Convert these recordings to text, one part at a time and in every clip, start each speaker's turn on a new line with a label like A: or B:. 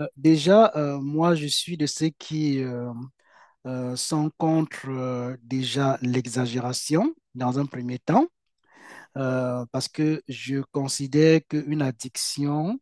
A: Moi, je suis de ceux qui sont contre déjà l'exagération dans un premier temps, parce que je considère qu'une addiction,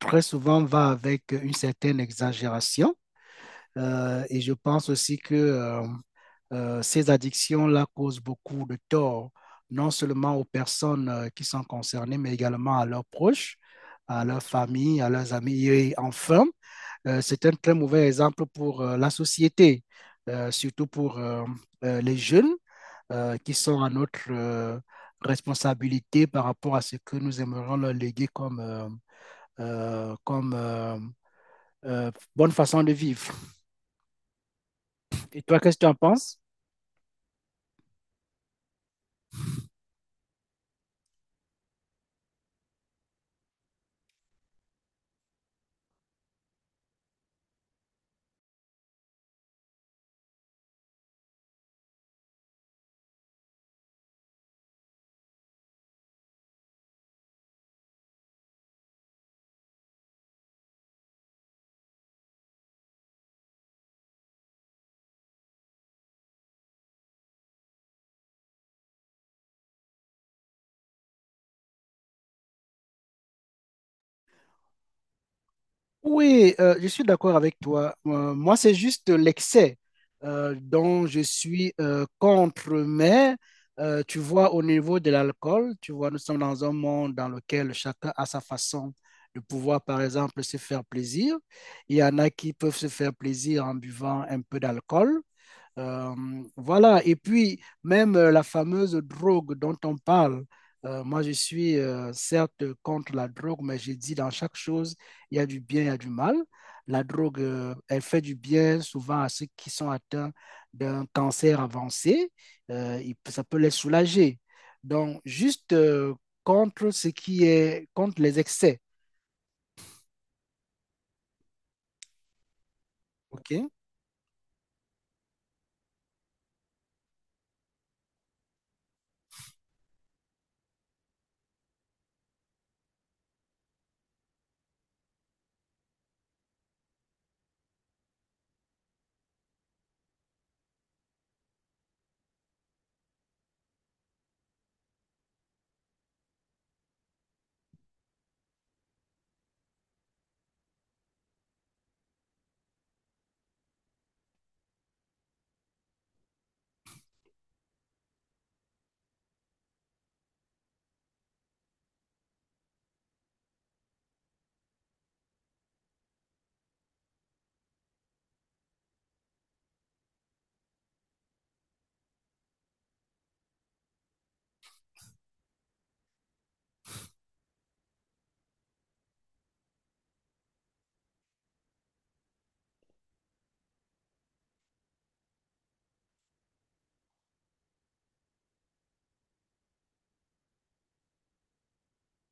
A: très souvent, va avec une certaine exagération. Et je pense aussi que ces addictions-là causent beaucoup de tort, non seulement aux personnes qui sont concernées, mais également à leurs proches, à leur famille, à leurs amis. Et enfin, c'est un très mauvais exemple pour la société, surtout pour les jeunes qui sont à notre responsabilité par rapport à ce que nous aimerions leur léguer comme bonne façon de vivre. Et toi, qu'est-ce que tu en penses? Oui, je suis d'accord avec toi. Moi, c'est juste l'excès dont je suis contre, mais tu vois, au niveau de l'alcool, tu vois, nous sommes dans un monde dans lequel chacun a sa façon de pouvoir, par exemple, se faire plaisir. Il y en a qui peuvent se faire plaisir en buvant un peu d'alcool. Euh, voilà, et puis même la fameuse drogue dont on parle, moi je suis certes contre la drogue, mais j'ai dit dans chaque chose, il y a du bien, il y a du mal. La drogue, elle fait du bien souvent à ceux qui sont atteints d'un cancer avancé, ça peut les soulager. Donc, juste contre ce qui est, contre les excès, ok.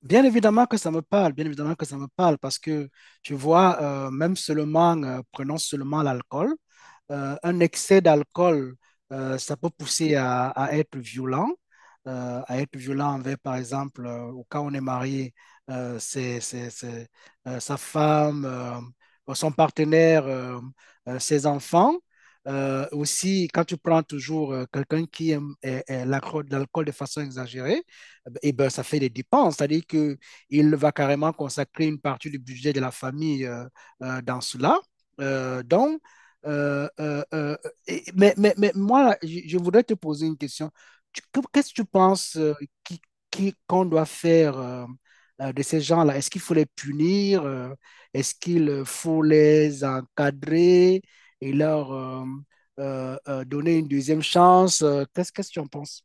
A: Bien évidemment que ça me parle, bien évidemment que ça me parle, parce que tu vois, même seulement, prenons seulement l'alcool, un excès d'alcool, ça peut pousser à être violent envers, par exemple, au cas où on est marié, c'est, sa femme, son partenaire, ses enfants. Aussi, quand tu prends toujours quelqu'un qui aime l'alcool de façon exagérée, eh ben, ça fait des dépenses. C'est-à-dire qu'il va carrément consacrer une partie du budget de la famille dans cela. Donc, euh, euh, euh, et- mais moi, je voudrais te poser une question. Qu'est-ce que tu penses qui, qu'on doit faire de ces gens-là? Est-ce qu'il faut les punir? Est-ce qu'il faut les encadrer et leur donner une deuxième chance? Qu'est-ce que tu en penses?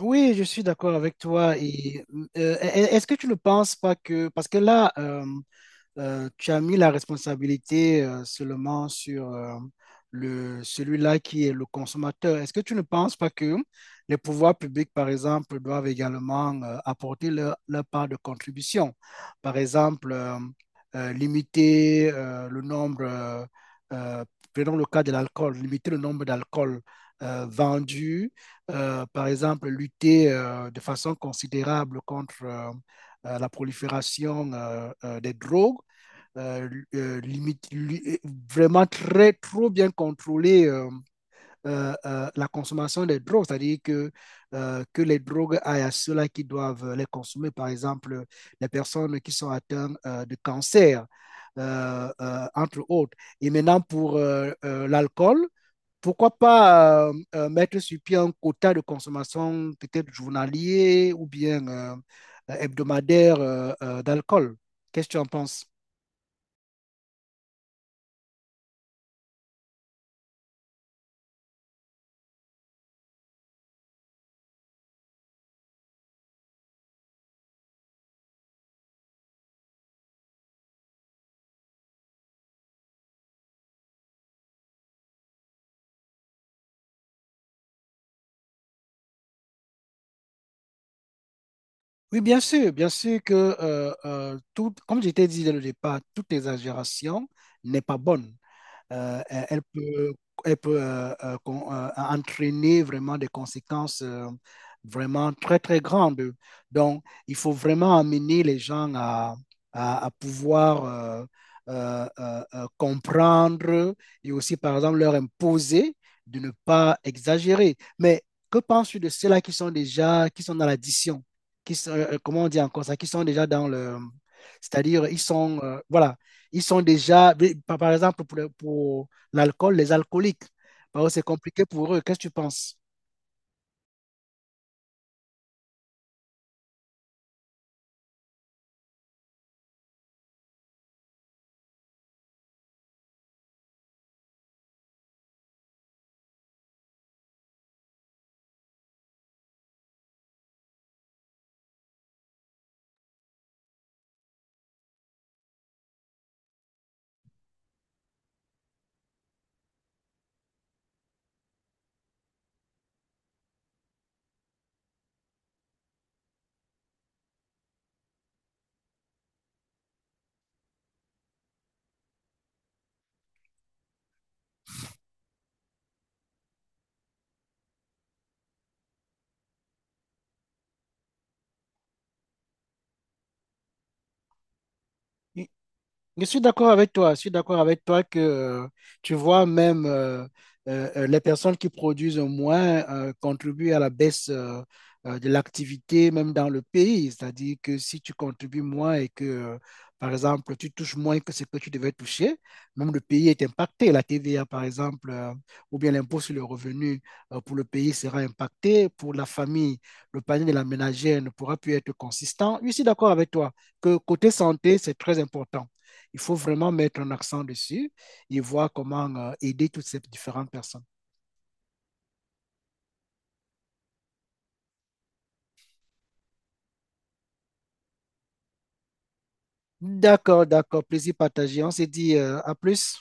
A: Oui, je suis d'accord avec toi. Et est-ce que tu ne penses pas que, parce que là, tu as mis la responsabilité seulement sur le, celui-là qui est le consommateur. Est-ce que tu ne penses pas que les pouvoirs publics, par exemple, doivent également apporter leur, leur part de contribution? Par exemple, limiter le nombre, euh, prenons le cas de l'alcool, limiter le nombre d'alcool vendu, par exemple, lutter de façon considérable contre... la prolifération des drogues euh, euh, limite, li- vraiment très, trop bien contrôler la consommation des drogues, c'est-à-dire que les drogues aillent à ceux-là qui doivent les consommer, par exemple, les personnes qui sont atteintes de cancer, entre autres. Et maintenant, pour l'alcool, pourquoi pas mettre sur pied un quota de consommation, peut-être journalier ou bien hebdomadaire d'alcool? Qu'est-ce que tu en penses? Oui, bien sûr que, tout, comme je t'ai dit dès le départ, toute exagération n'est pas bonne. Euh, elle peut, elle peut entraîner vraiment des conséquences vraiment très, très grandes. Donc, il faut vraiment amener les gens à pouvoir comprendre et aussi, par exemple, leur imposer de ne pas exagérer. Mais que penses-tu de ceux-là qui sont déjà, qui sont dans l'addition, qui sont, comment on dit encore ça, qui sont déjà dans le, c'est-à-dire, ils sont, voilà, ils sont déjà, par exemple, pour l'alcool, les alcooliques, bah, c'est compliqué pour eux. Qu'est-ce que tu penses? Je suis d'accord avec toi. Je suis d'accord avec toi que tu vois même les personnes qui produisent moins contribuent à la baisse de l'activité même dans le pays. C'est-à-dire que si tu contribues moins et que par exemple tu touches moins que ce que tu devais toucher, même le pays est impacté. La TVA par exemple ou bien l'impôt sur le revenu pour le pays sera impacté. Pour la famille, le panier de la ménagère ne pourra plus être consistant. Je suis d'accord avec toi que côté santé c'est très important. Il faut vraiment mettre un accent dessus et voir comment aider toutes ces différentes personnes. D'accord, d'accord. Plaisir partagé. On s'est dit à plus.